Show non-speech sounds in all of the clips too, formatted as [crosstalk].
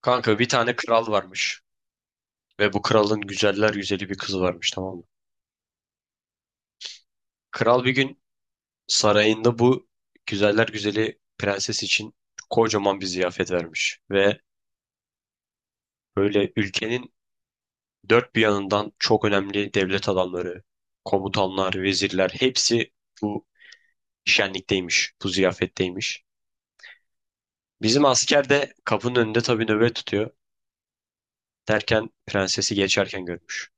Kanka bir tane kral varmış ve bu kralın güzeller güzeli bir kızı varmış, tamam mı? Kral bir gün sarayında bu güzeller güzeli prenses için kocaman bir ziyafet vermiş ve böyle ülkenin dört bir yanından çok önemli devlet adamları, komutanlar, vezirler hepsi bu şenlikteymiş, bu ziyafetteymiş. Bizim asker de kapının önünde tabii nöbet tutuyor, derken prensesi geçerken görmüş.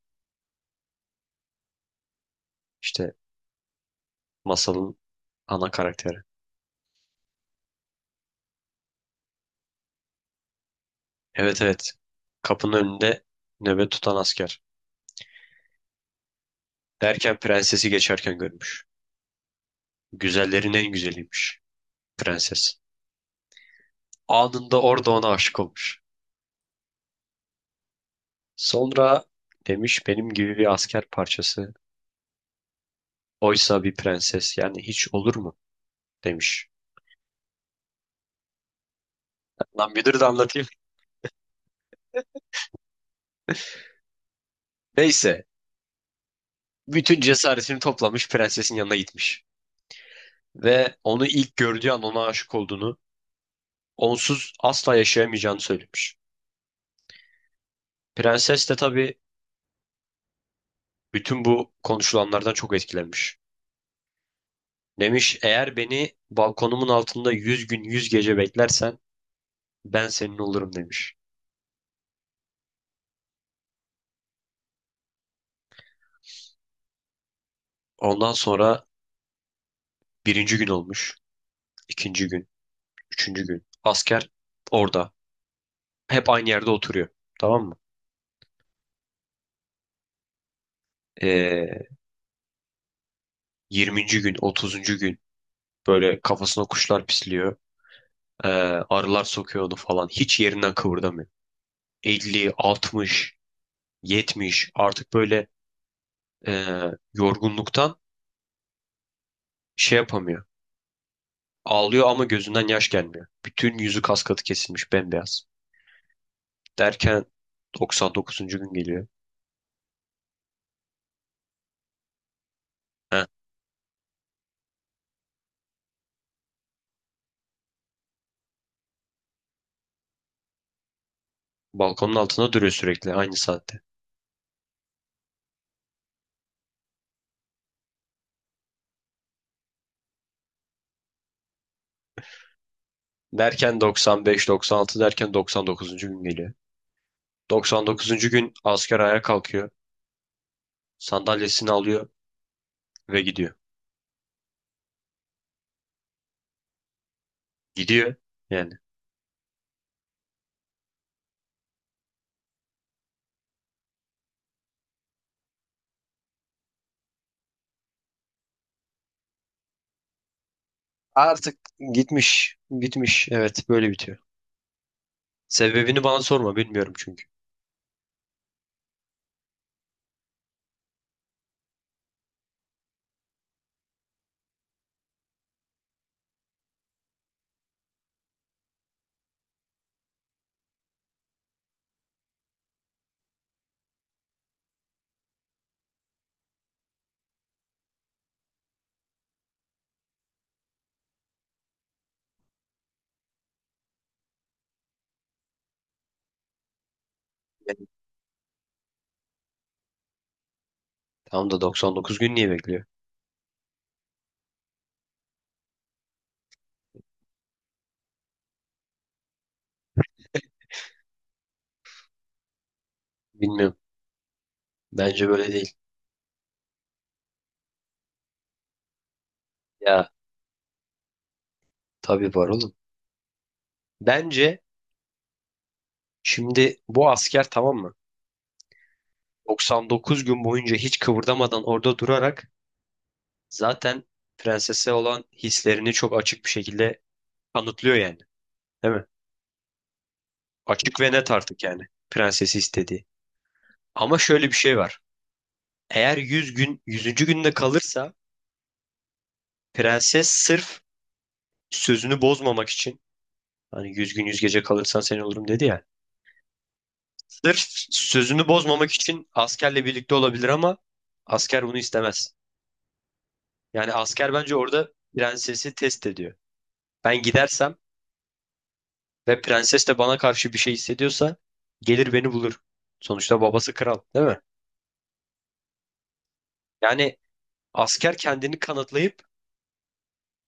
İşte masalın ana karakteri. Evet, evet. Kapının önünde nöbet tutan asker. Derken prensesi geçerken görmüş. Güzellerin en güzeliymiş prenses. Anında orada ona aşık olmuş. Sonra demiş benim gibi bir asker parçası. Oysa bir prenses, yani hiç olur mu? Demiş. Lan bir dur da anlatayım. Neyse. Bütün cesaretini toplamış, prensesin yanına gitmiş. Ve onu ilk gördüğü an ona aşık olduğunu, onsuz asla yaşayamayacağını söylemiş. Prenses de tabii bütün bu konuşulanlardan çok etkilenmiş. Demiş eğer beni balkonumun altında 100 gün 100 gece beklersen ben senin olurum demiş. Ondan sonra birinci gün olmuş. İkinci gün. Üçüncü gün. Asker orada. Hep aynı yerde oturuyor. Tamam mı? Ee, 20. gün, 30. gün, böyle kafasına kuşlar pisliyor. Ee, arılar sokuyor onu falan. Hiç yerinden kıvırdamıyor. 50, 60, 70, artık böyle e, yorgunluktan şey yapamıyor. Ağlıyor ama gözünden yaş gelmiyor. Bütün yüzü kas katı kesilmiş, bembeyaz. Derken 99. gün geliyor. Heh, balkonun altında duruyor sürekli aynı saatte. Derken 95, 96 derken 99. gün geliyor. 99. gün asker ayağa kalkıyor. Sandalyesini alıyor ve gidiyor. Gidiyor yani. Artık gitmiş, gitmiş. Evet, böyle bitiyor. Sebebini bana sorma, bilmiyorum çünkü. Yani tam da 99 gün niye bekliyor? Bilmiyorum. Bence böyle değil. Ya tabii var oğlum. Bence, şimdi bu asker, tamam mı? 99 gün boyunca hiç kıvırdamadan orada durarak zaten prensese olan hislerini çok açık bir şekilde kanıtlıyor yani. Değil mi? Açık ve net artık, yani prensesi istediği. Ama şöyle bir şey var. Eğer 100 gün 100. günde kalırsa, prenses sırf sözünü bozmamak için, hani 100 gün 100 gece kalırsan seni olurum dedi ya, sırf sözünü bozmamak için askerle birlikte olabilir, ama asker bunu istemez. Yani asker bence orada prensesi test ediyor. Ben gidersem ve prenses de bana karşı bir şey hissediyorsa gelir beni bulur. Sonuçta babası kral, değil mi? Yani asker kendini kanıtlayıp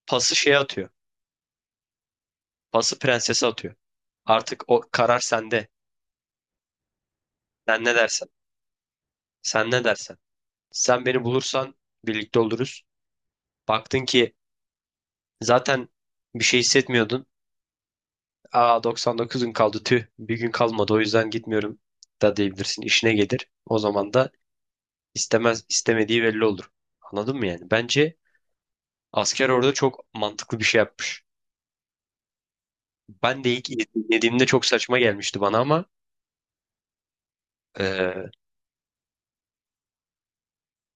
pası şeye atıyor. Pası prensese atıyor. Artık o karar sende. Sen ne dersen. Sen ne dersen. Sen beni bulursan birlikte oluruz. Baktın ki zaten bir şey hissetmiyordun. Aa, 99 gün kaldı, tüh. Bir gün kalmadı, o yüzden gitmiyorum da diyebilirsin. İşine gelir. O zaman da istemez, istemediği belli olur. Anladın mı yani? Bence asker orada çok mantıklı bir şey yapmış. Ben de ilk yediğimde çok saçma gelmişti bana ama e,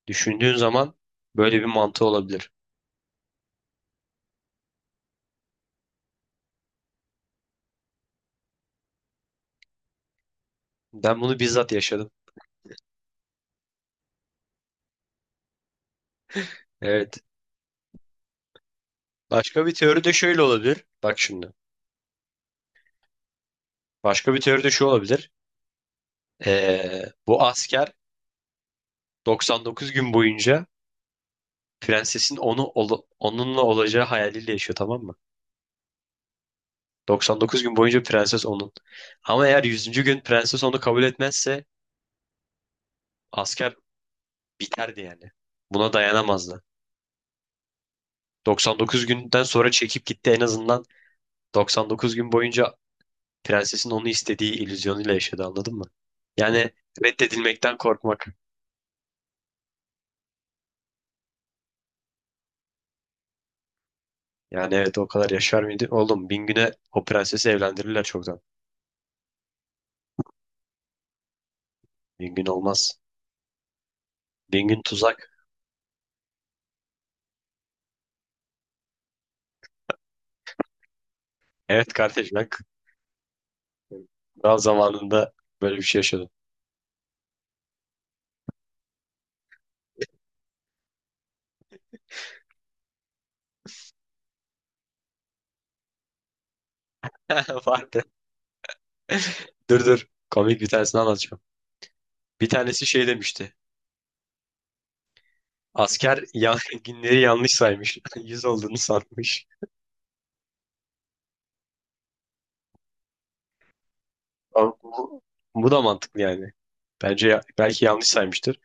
düşündüğün zaman böyle bir mantığı olabilir. Ben bunu bizzat yaşadım. Evet. Başka bir teori de şöyle olabilir. Bak şimdi. Başka bir teori de şu olabilir. Bu asker 99 gün boyunca prensesin onunla olacağı hayaliyle yaşıyor, tamam mı? 99 gün boyunca prenses onun. Ama eğer 100. gün prenses onu kabul etmezse asker biterdi yani. Buna dayanamazdı. 99 günden sonra çekip gitti, en azından 99 gün boyunca prensesin onu istediği illüzyonuyla yaşadı, anladın mı? Yani reddedilmekten korkmak. Yani evet, o kadar yaşar mıydı? Oğlum, 1000 güne o prensesi evlendirirler çoktan. 1000 gün olmaz. 1000 gün tuzak. Evet kardeş, ben daha zamanında böyle bir şey yaşadım. [laughs] Vardı. Dur, dur. Komik bir tanesini anlatacağım. Bir tanesi şey demişti. Asker ya, [laughs] günleri yanlış saymış. [laughs] 100 olduğunu sanmış. Ama bu, bu da mantıklı yani. Bence belki yanlış saymıştır.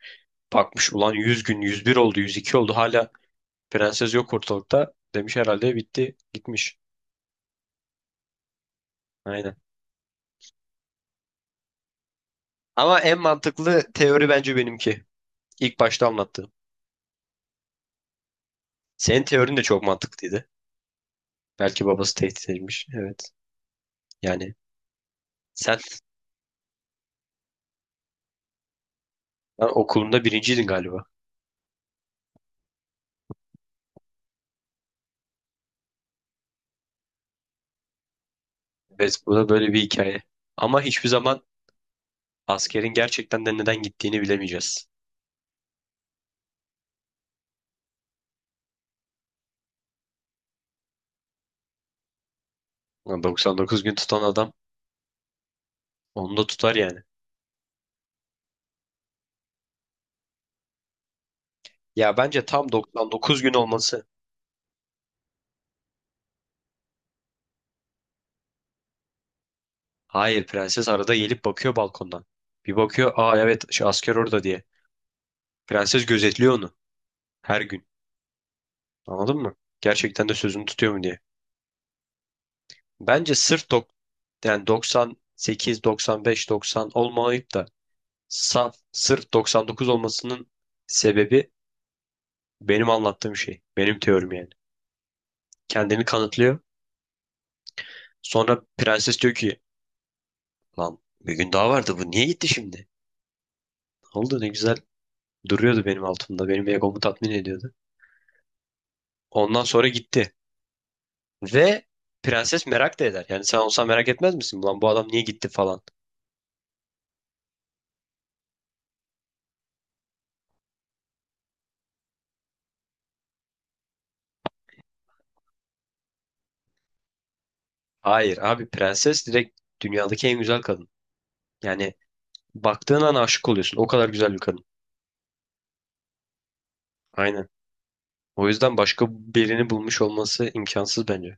Bakmış ulan 100 gün, 101 oldu, 102 oldu, hala prenses yok ortalıkta. Demiş herhalde bitti, gitmiş. Aynen. Ama en mantıklı teori bence benimki. İlk başta anlattığım. Senin teorin de çok mantıklıydı. Belki babası tehdit etmiş. Evet. Yani sen, sen okulunda birinciydin galiba. Evet, bu da böyle bir hikaye. Ama hiçbir zaman askerin gerçekten de neden gittiğini bilemeyeceğiz. Ulan, 99 gün tutan adam onu da tutar yani. Ya bence tam 99 gün olması. Hayır, prenses arada gelip bakıyor balkondan. Bir bakıyor, aa evet şu asker orada diye. Prenses gözetliyor onu her gün. Anladın mı? Gerçekten de sözünü tutuyor mu diye. Bence sırf dok yani 98, 95, 90 olmayıp da saf sırf 99 olmasının sebebi benim anlattığım şey. Benim teorim yani. Kendini kanıtlıyor. Sonra prenses diyor ki lan bir gün daha vardı, bu niye gitti şimdi? Ne oldu, ne güzel duruyordu benim altımda. Benim egomu tatmin ediyordu. Ondan sonra gitti. Ve prenses merak da eder. Yani sen olsan merak etmez misin? Ulan bu adam niye gitti falan. Hayır abi, prenses direkt dünyadaki en güzel kadın. Yani baktığın an aşık oluyorsun. O kadar güzel bir kadın. Aynen. O yüzden başka birini bulmuş olması imkansız bence.